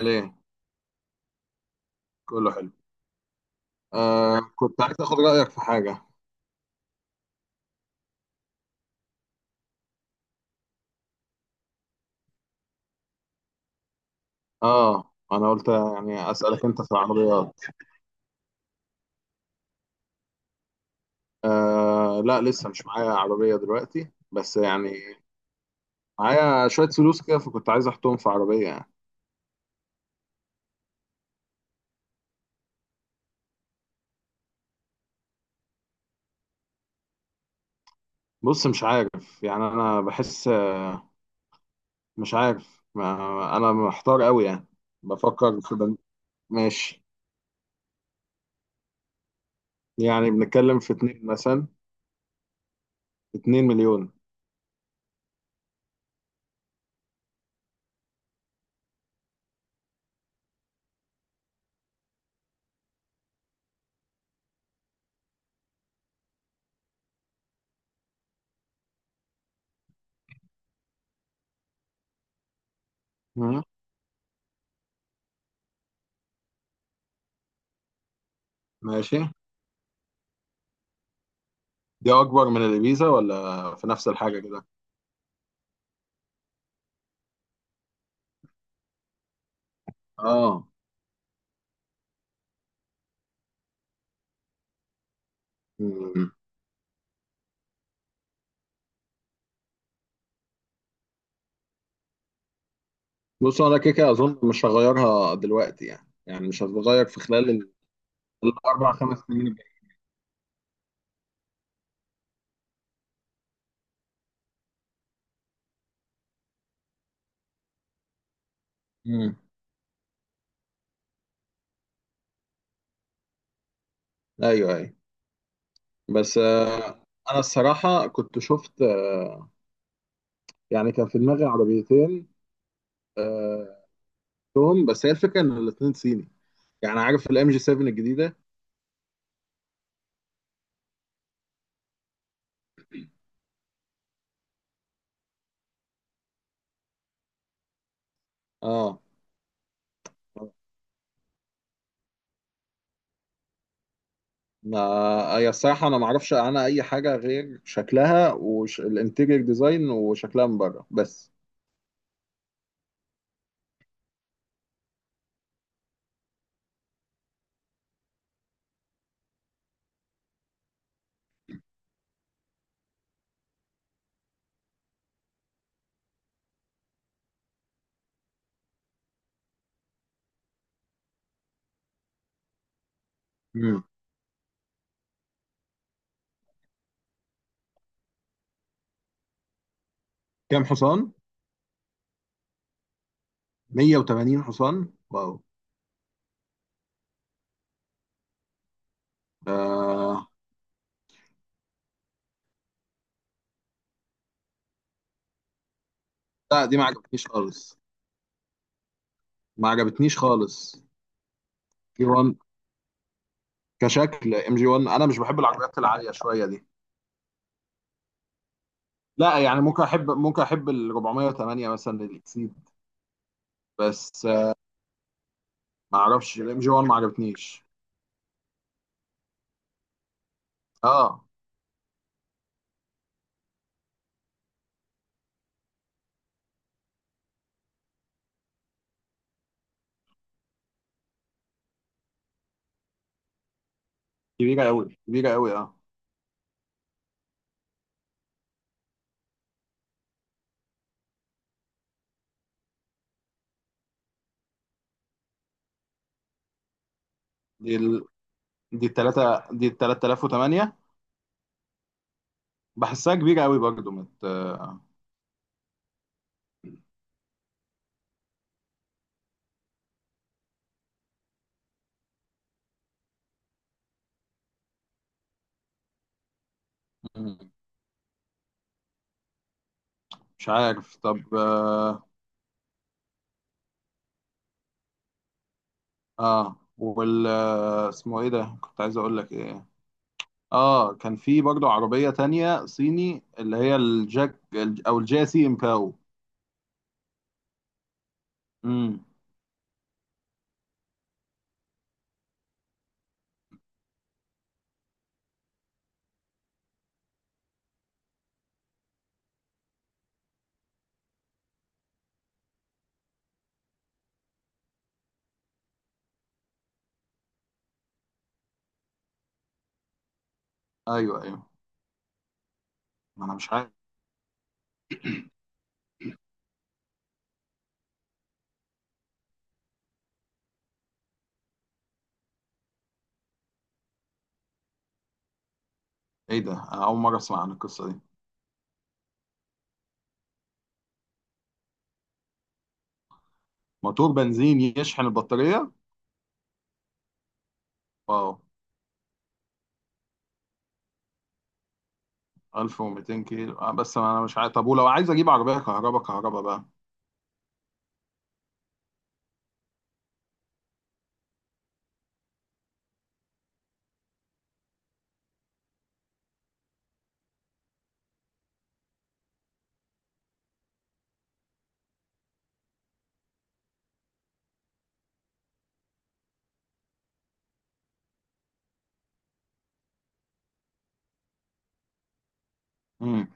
ليه. كله حلو. آه، كنت عايز اخد رايك في حاجه. اه، انا قلت يعني اسالك انت في العربيات. آه، لا، لسه مش معايا عربيه دلوقتي بس يعني. معايا شويه فلوس كده فكنت عايز احطهم في عربيه يعني. بص، مش عارف يعني، انا بحس، مش عارف، ما انا محتار قوي يعني. بفكر في ماشي. يعني بنتكلم في اتنين مثلا. 2 مليون. مم. ماشي. دي اكبر من الابيزا ولا في نفس الحاجه كده؟ اه. بص، انا كده كده اظن مش هغيرها دلوقتي يعني، مش هتتغير في خلال الاربع خمس سنين الجايين. امم. ايوه، ايوه. بس انا الصراحه كنت شفت، يعني كان في دماغي عربيتين. آه، توم، بس هي الفكره ان الاثنين صيني. يعني عارف الام جي 7 الجديده. اه. ما هي الصراحه انا ما اعرفش عنها اي حاجه غير شكلها والانتيريور ديزاين وشكلها من بره بس. امم. كام حصان؟ 180 حصان. واو. آه، لا، دي ما عجبتنيش خالص. ما عجبتنيش خالص. جي 1، كشكل ام جي 1 انا مش بحب العربيات العاليه شويه دي. لا، يعني ممكن احب ال 408 مثلا الاكسيد. بس ما اعرفش الام جي 1 ما عجبتنيش. اه، كبيره قوي، كبيره قوي. اه، دي ال... دي التلاتة، دي ال 3008. بحسها كبيره قوي برضه مت... آه، مش عارف. طب اه, آه. وال آه، اسمه ايه ده؟ كنت عايز اقول لك ايه. اه، كان في برضه عربية تانية صيني اللي هي الجاك او الجاسي امباو. امم. ايوه، ايوه. ما انا مش عارف. ايه ده؟ انا اول مرة اسمع عن القصة دي. موتور بنزين يشحن البطارية؟ واو. 1200 كيلو. بس ما انا مش عارف، طب ولو عايز اجيب عربية كهرباء كهرباء بقى؟ امم.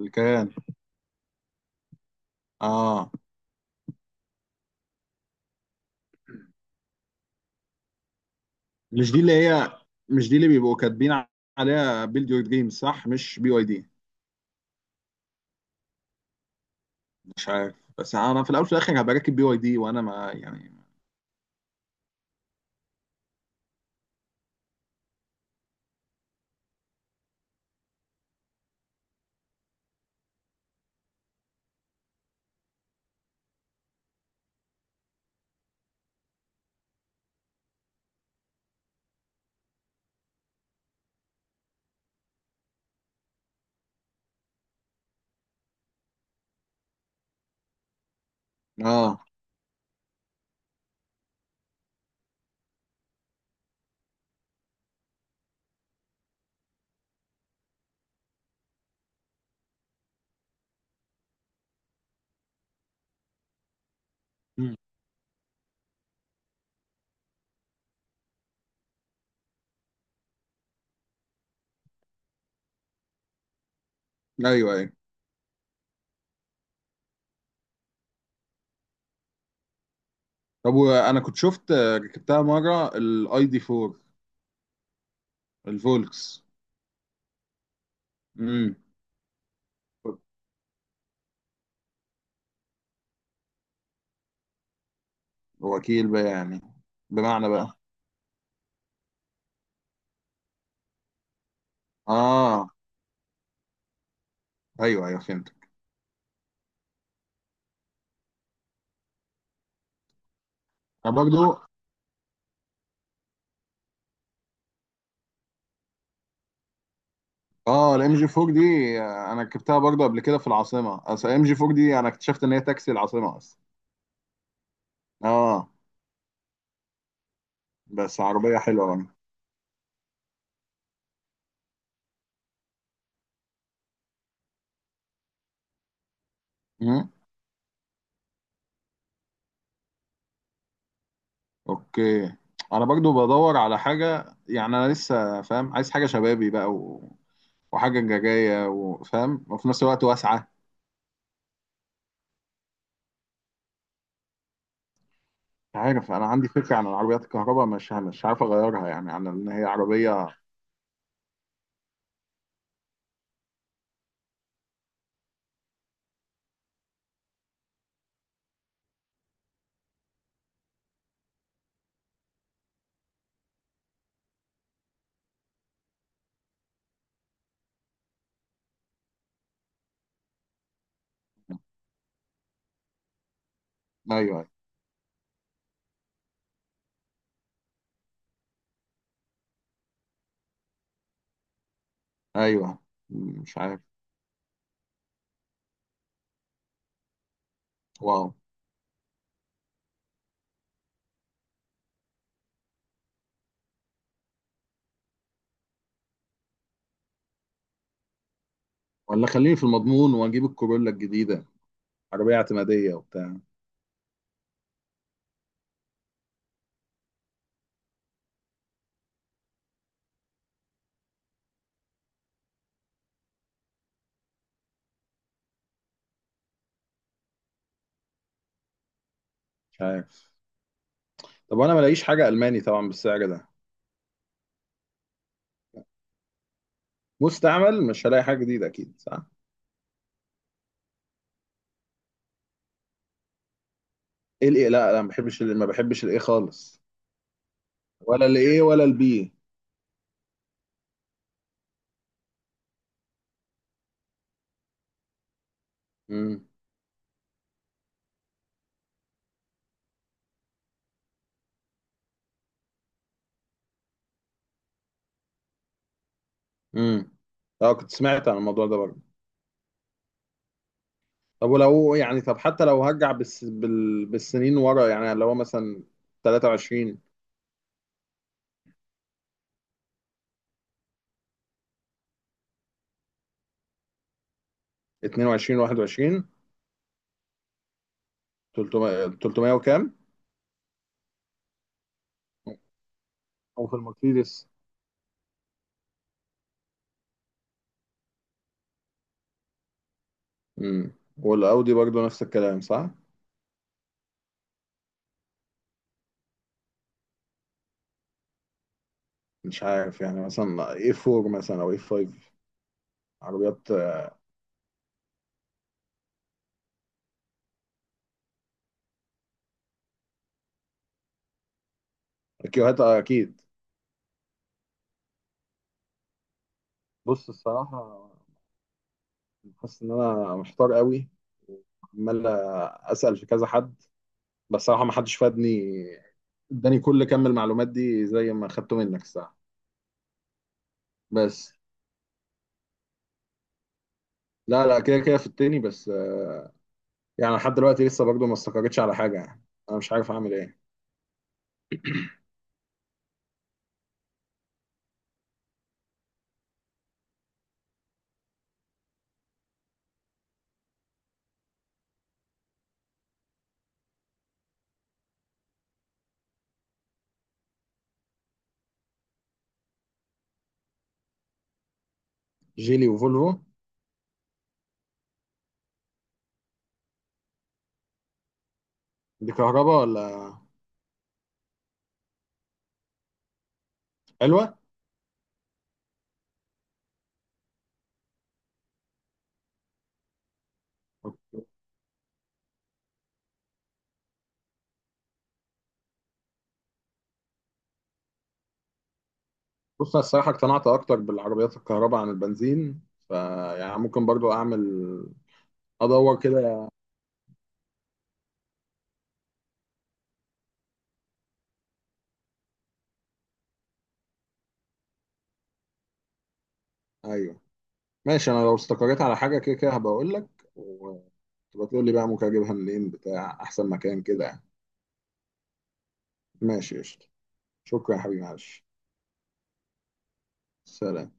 الكيان. اه. مش دي اللي هي، مش دي اللي بيبقوا كاتبين عليها بيلد يور دريم، صح؟ مش بي واي دي؟ مش عارف، بس انا في الاول وفي الاخر هبقى راكب بي واي دي وانا ما يعني. اه. مم. ايوه، ايوه. طب وانا كنت شفت، ركبتها مره الاي دي 4، الفولكس. امم. وكيل بقى يعني؟ بمعنى بقى؟ اه. ايوه، ايوه، فهمت. انا برضو. اه، الام جي 4 دي، انا ركبتها برضو قبل كده في العاصمه. اصل الام جي 4 دي انا اكتشفت ان هي تاكسي العاصمه اصلا. اه، بس عربيه حلوه برضه. مم. اوكي. انا برضو بدور على حاجه، يعني انا لسه فاهم، عايز حاجه شبابي بقى وحاجه جايه وفاهم، وفي نفس الوقت واسعه. عارف، انا عندي فكره عن العربيات الكهرباء، مش عارف اغيرها يعني عن ان هي عربيه. ايوه، ايوه. مش عارف. واو. ولا خليني في المضمون واجيب الكورولا الجديده، عربيه اعتماديه وبتاع. مش عارف. طب وانا ما الاقيش حاجه الماني طبعا بالسعر ده؟ مستعمل، مش هلاقي حاجه جديده، اكيد، صح؟ ايه الايه؟ لا، لا، ما بحبش الايه خالص. ولا الايه، ولا البي. امم. امم. اه، كنت سمعت عن الموضوع ده برضه. طب ولو يعني، حتى لو هرجع بالسنين ورا، يعني اللي هو مثلا 23، 22، 21. 300، 300 وكام؟ او في المرسيدس. امم. والاودي برضه نفس الكلام، صح؟ مش عارف، يعني مثلا اي 4 مثلا او اي 5. عربيات. كيوهات اكيد. بص، الصراحه حاسس ان انا محتار قوي. عمال اسال في كذا حد، بس صراحه ما حدش فادني، اداني كل كم المعلومات دي زي ما خدته منك الصراحه. بس. لا، لا، كده كده في التاني، بس يعني لحد دلوقتي لسه برضه ما استقرتش على حاجة يعني. أنا مش عارف أعمل إيه؟ جيلي وفولفو. دي كهرباء ولا؟ حلوة. بص، أنا الصراحة اقتنعت أكتر بالعربيات الكهرباء عن البنزين. فيعني ممكن برضه أعمل، أدور كده. أيوه. ماشي، أنا لو استقريت على حاجة كده كده هبقى أقول لك، وتبقى تقول لي بقى ممكن أجيبها منين، بتاع أحسن مكان كده يعني. ماشي، قشطة. شكرا يا حبيبي، معلش. سلام.